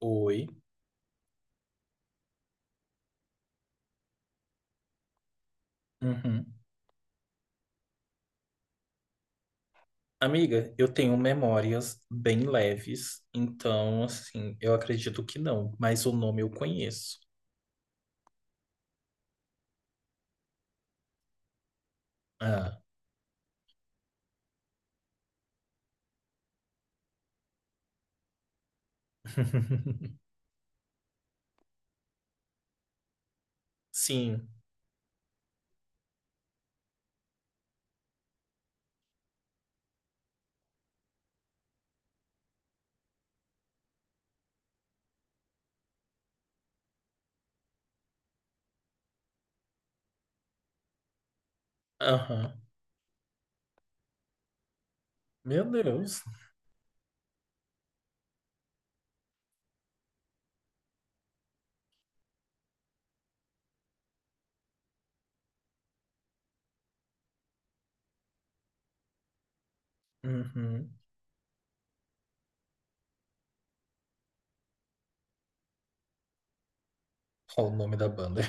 Oi. Uhum. Amiga, eu tenho memórias bem leves, então, assim, eu acredito que não, mas o nome eu conheço. Ah. Sim. Aham. Meu Deus. Uhum. Qual o nome da banda?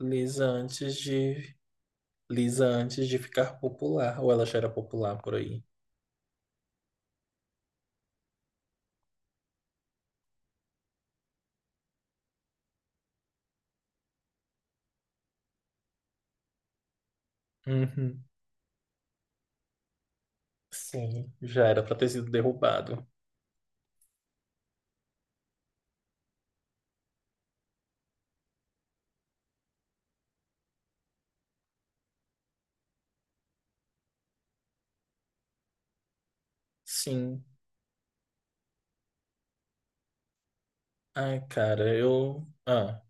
Lisa antes de. Lisa antes de ficar popular, ou ela já era popular por aí? Uhum. Sim, já era pra ter sido derrubado. Sim. Ai, cara, eu. Ah.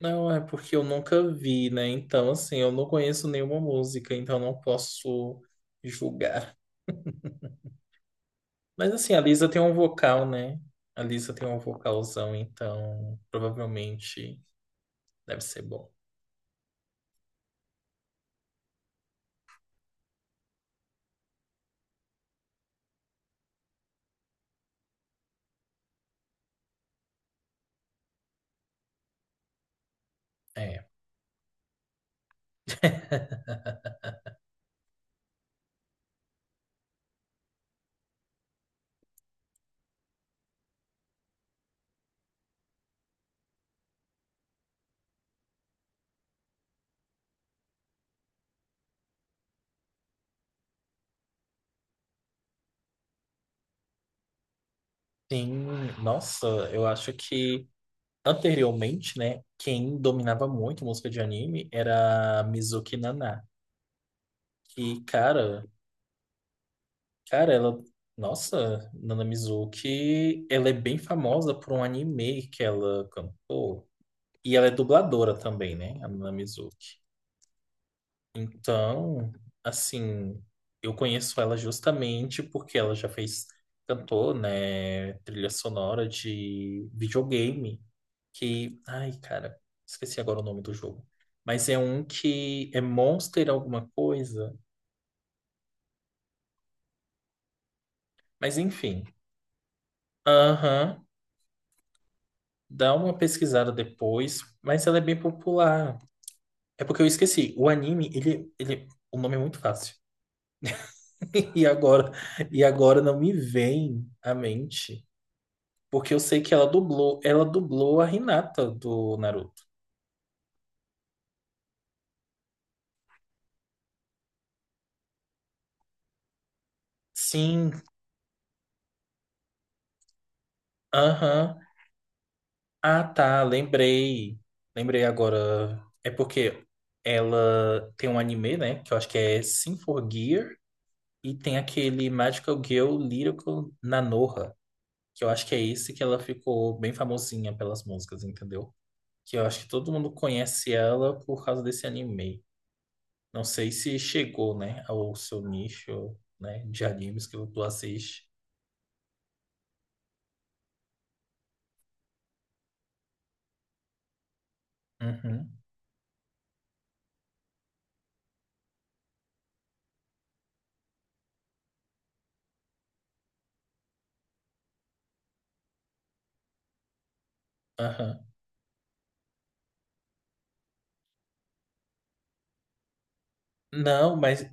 Não, é porque eu nunca vi, né? Então, assim, eu não conheço nenhuma música, então não posso julgar. Mas, assim, a Lisa tem um vocal, né? A Lisa tem um vocalzão, então provavelmente deve ser bom. É. Sim, nossa, eu acho que anteriormente, né, quem dominava muito música de anime era a Mizuki Naná. Que, cara. Cara, ela. Nossa, Nana Mizuki, ela é bem famosa por um anime que ela cantou. E ela é dubladora também, né? A Nana Mizuki. Então, assim, eu conheço ela justamente porque ela já fez, cantou, né? Trilha sonora de videogame. Que. Ai, cara, esqueci agora o nome do jogo. Mas é um que é Monster alguma coisa. Mas enfim. Aham. Dá uma pesquisada depois, mas ela é bem popular. É porque eu esqueci. O anime, ele, o nome é muito fácil. E agora, e agora não me vem à mente, porque eu sei que ela dublou a Hinata do Naruto. Sim, aham. Ah, tá, lembrei. Lembrei agora. É porque ela tem um anime, né, que eu acho que é Sin for Gear e tem aquele Magical Girl Lyrical Nanoha. Que eu acho que é esse que ela ficou bem famosinha pelas músicas, entendeu? Que eu acho que todo mundo conhece ela por causa desse anime. Não sei se chegou, né, ao seu nicho, né, de animes que tu assiste. Uhum, aham. Não, mas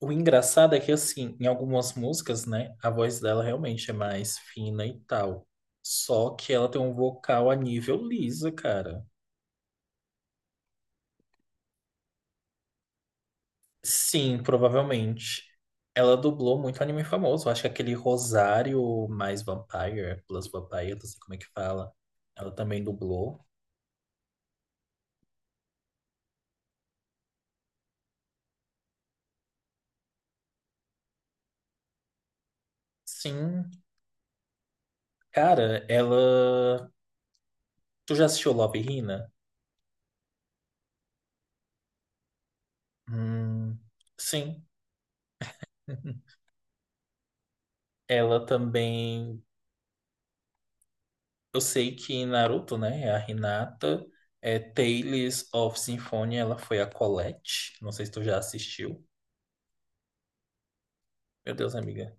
o engraçado é que, assim, em algumas músicas, né, a voz dela realmente é mais fina e tal. Só que ela tem um vocal a nível Lisa, cara. Sim, provavelmente. Ela dublou muito anime famoso. Acho que aquele Rosário mais Vampire, Plus Vampire, não sei como é que fala. Ela também dublou. Sim. Cara, ela. Tu já assistiu Love, Hina? Hum, sim. Ela também. Eu sei que em Naruto, né? é A Hinata. É Tales of Symphonia, ela foi a Colette. Não sei se tu já assistiu. Meu Deus, amiga.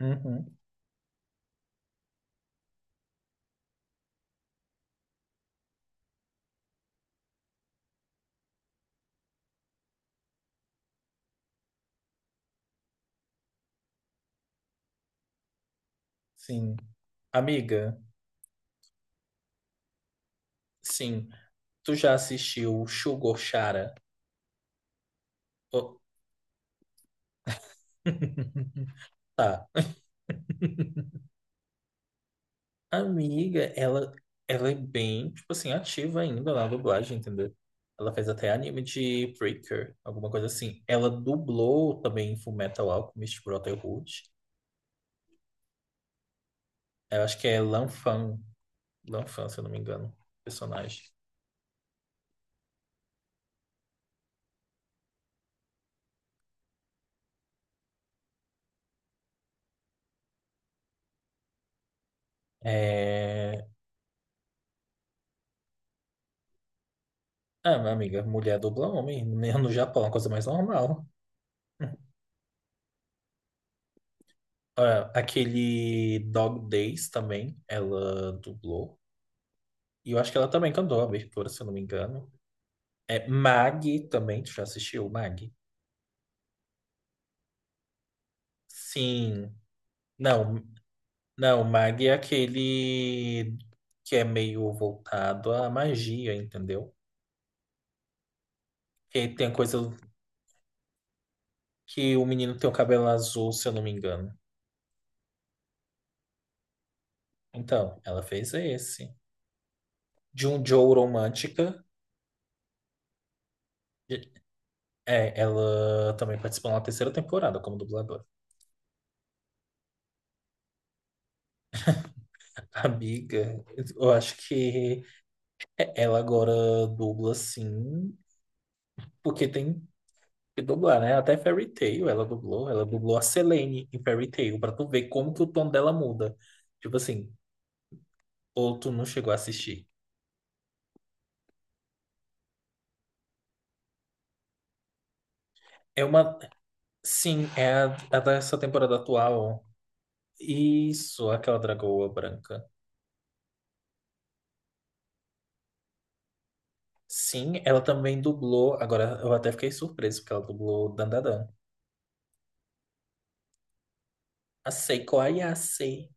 Uhum, sim. Amiga. Sim. Tu já assistiu Sugar Chara? Oh, Tá. Amiga, ela, ela é bem, tipo assim, ativa ainda na dublagem, entendeu? Ela fez até anime de Breaker, alguma coisa assim. Ela dublou também em Fullmetal Alchemist Brotherhood. Eu acho que é Lanfan, Lanfan, se eu não me engano, personagem. É... Ah, minha amiga, mulher dubla homem, né, no Japão, é uma coisa mais normal. Ah, aquele Dog Days também, ela dublou. E eu acho que ela também cantou a abertura, se eu não me engano. É Mag também, tu já assistiu Mag? Sim. Não, não, Mag é aquele que é meio voltado à magia, entendeu? Que tem a coisa que o menino tem o cabelo azul, se eu não me engano. Então, ela fez esse. De um Joe Romântica, é, ela também participou na terceira temporada como dubladora. Amiga, eu acho que ela agora dubla sim, porque tem que dublar, né? Até Fairy Tail ela dublou a Selene em Fairy Tail, pra tu ver como que o tom dela muda. Tipo assim, ou tu não chegou a assistir. É uma. Sim, é a dessa temporada atual. Isso, aquela dragoa branca. Sim, ela também dublou. Agora eu até fiquei surpreso, porque ela dublou Dandadan. A Seiko Ayase.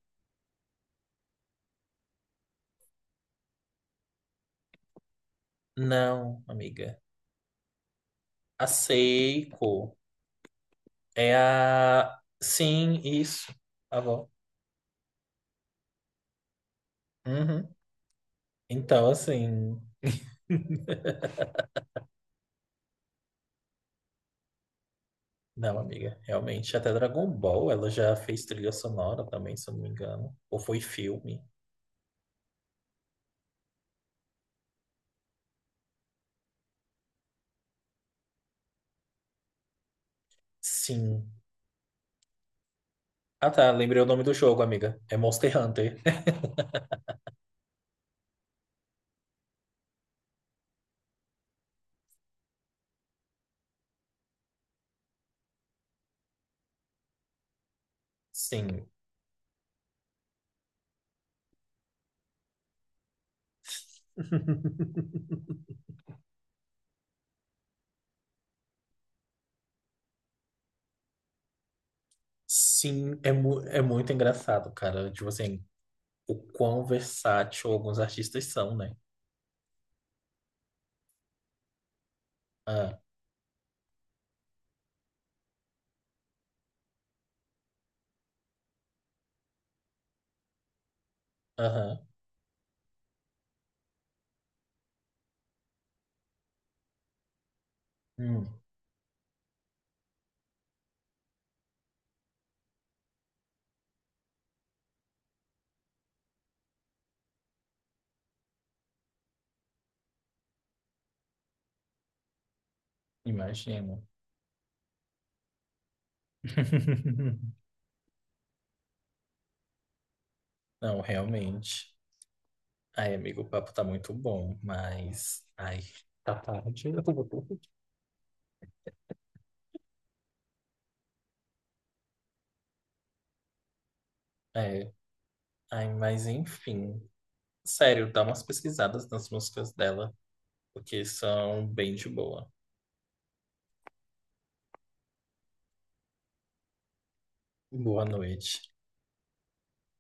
Não, amiga. A Seiko. É a. Sim, isso. A avó. Uhum. Então, assim. Não, amiga, realmente. Até Dragon Ball, ela já fez trilha sonora também, se eu não me engano. Ou foi filme? Sim. Ah, tá. Lembrei o nome do jogo, amiga. É Monster Hunter. Sim. Sim, é, mu é muito engraçado, cara. Tipo assim, o quão versátil alguns artistas são, né? Ah, aham. Hum, imagino. Não, realmente. Ai, amigo, o papo tá muito bom, mas. Ai, tá tarde. Eu vou dormir. É, ai, mas enfim. Sério, dá umas pesquisadas nas músicas dela, porque são bem de boa. Boa noite.